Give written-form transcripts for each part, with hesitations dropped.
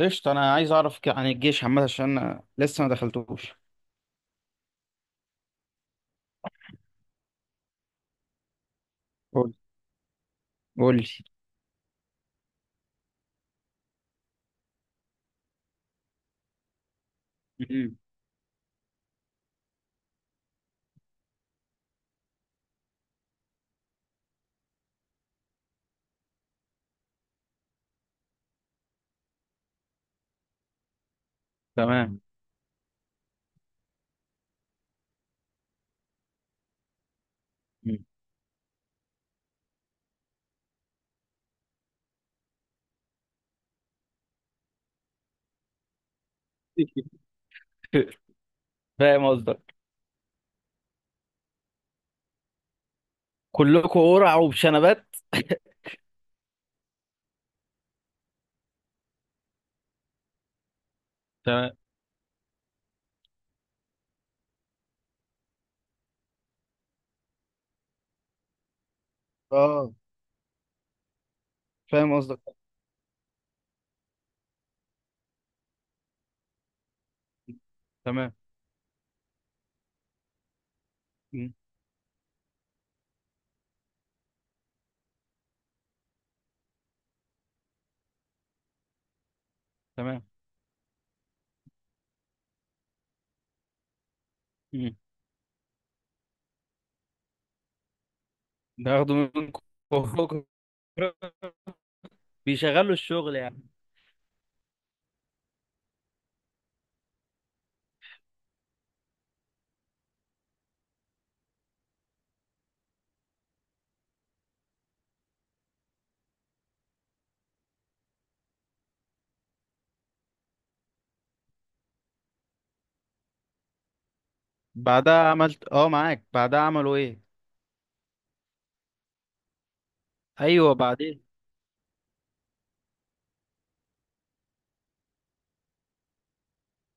قشطة. أنا عايز أعرف عن الجيش عامة عشان أنا لسه ما دخلتوش. قول قول لي. مم. تمام. مم. فاهم قصدك. كلكم قرع وبشنبات. تمام. اه، فاهم قصدك. تمام. مم. تمام. مم. ناخده منكم. بيشغلوا الشغل يعني. بعدها عملت اه معاك بعدها عملوا ايه؟ ايوه، بعدين.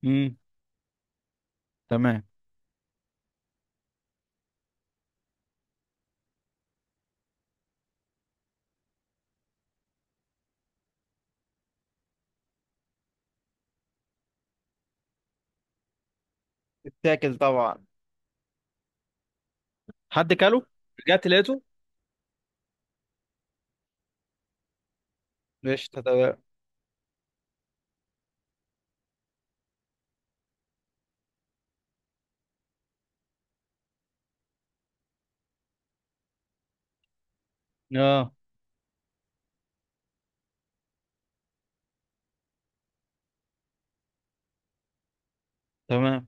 امم تمام. اتاكل طبعا. حد كله؟ رجعت لقيته؟ قشطة، تمام. اه، تمام.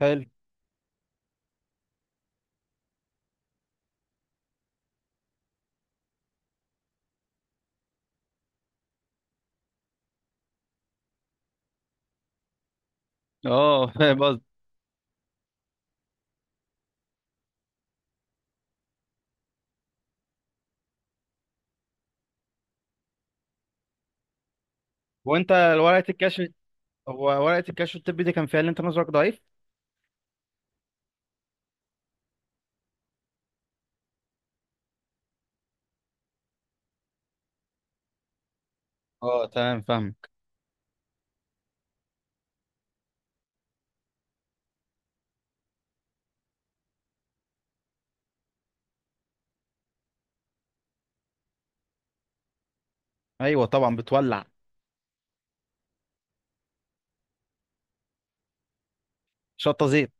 حلو. اه، فاهم قصدي. وانت ورقه الكشف؟ هو ورقه الكشف الطبي دي كان فيها اللي انت نظرك ضعيف؟ اه، تمام، فاهمك. ايوه طبعا بتولع. شطه زيت.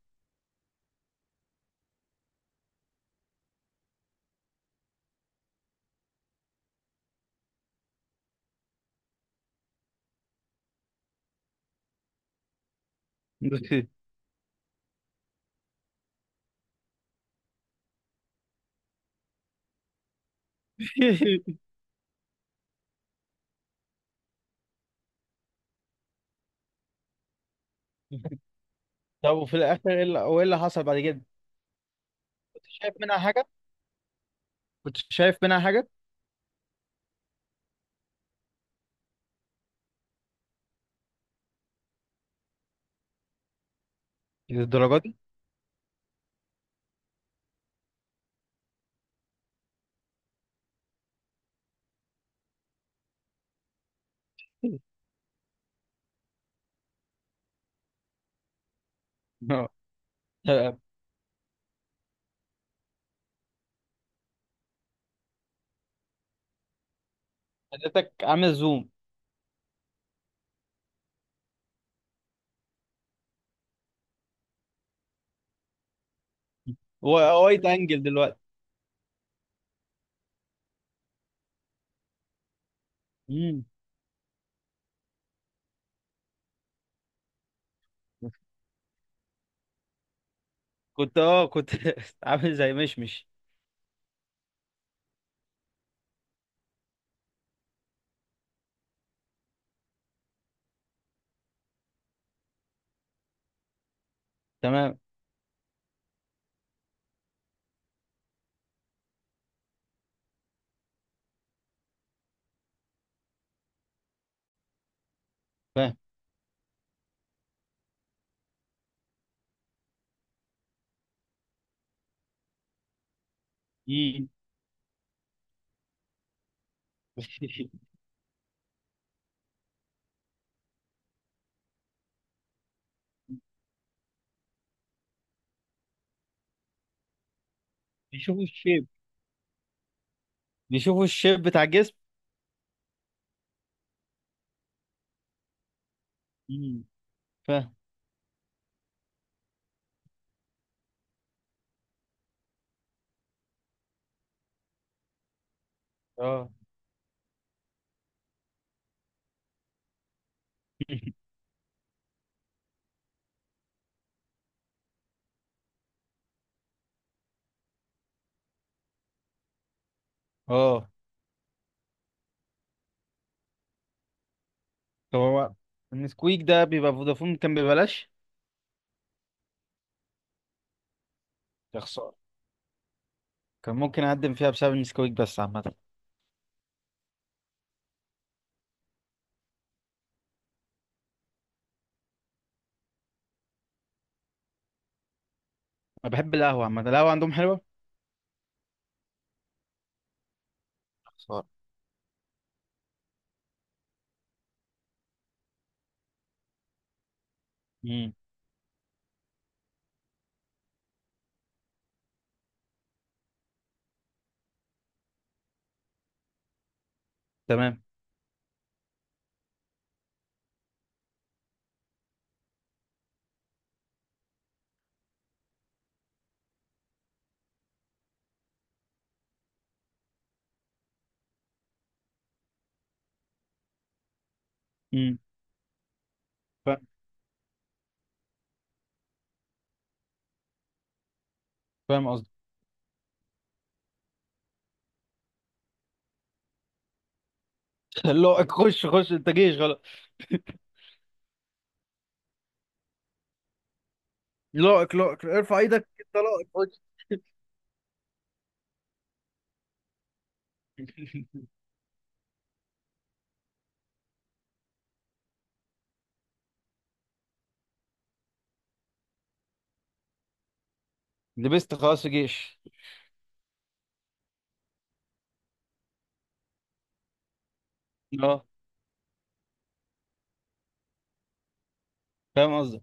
طب، وفي الاخر ايه اللي وإيه اللي حصل بعد كده؟ كنت شايف منها حاجه؟ كنت شايف منها حاجه؟ للدرجه دي؟ اه. آه، حضرتك عامل زوم؟ وايد انجل دلوقتي. مم. كنت عامل زي مشمش. تمام، فاهم. مم. بيشوفوا الشيب بيشوفوا الشيب بتاع الجسم؟ مم. اه. اه، طب هو النسكويك ده بيبقى فودافون كان ببلاش؟ يا خسارة، كان ممكن اقدم فيها بسبب النسكويك، بس عامة انا بحب القهوة. عامة القهوة عندهم حلوة. خسارة. امم. تمام. امم. فا- فاهم قصدي. لائق، خش خش، انت جيش غلط. لائق لائق، ارفع ايدك، انت لائق، خش. لبست خلاص في جيش. اه، فاهم قصدي.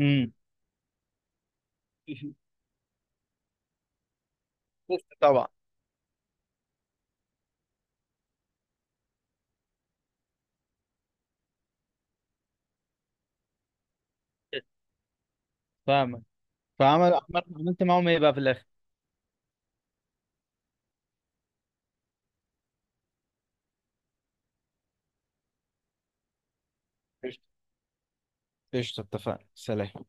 امم. لبست طبعا. فاهمك. فعمل عملت معاهم ايه بقى في الاخر؟ قشطة. قشطة، اتفقنا، سلام.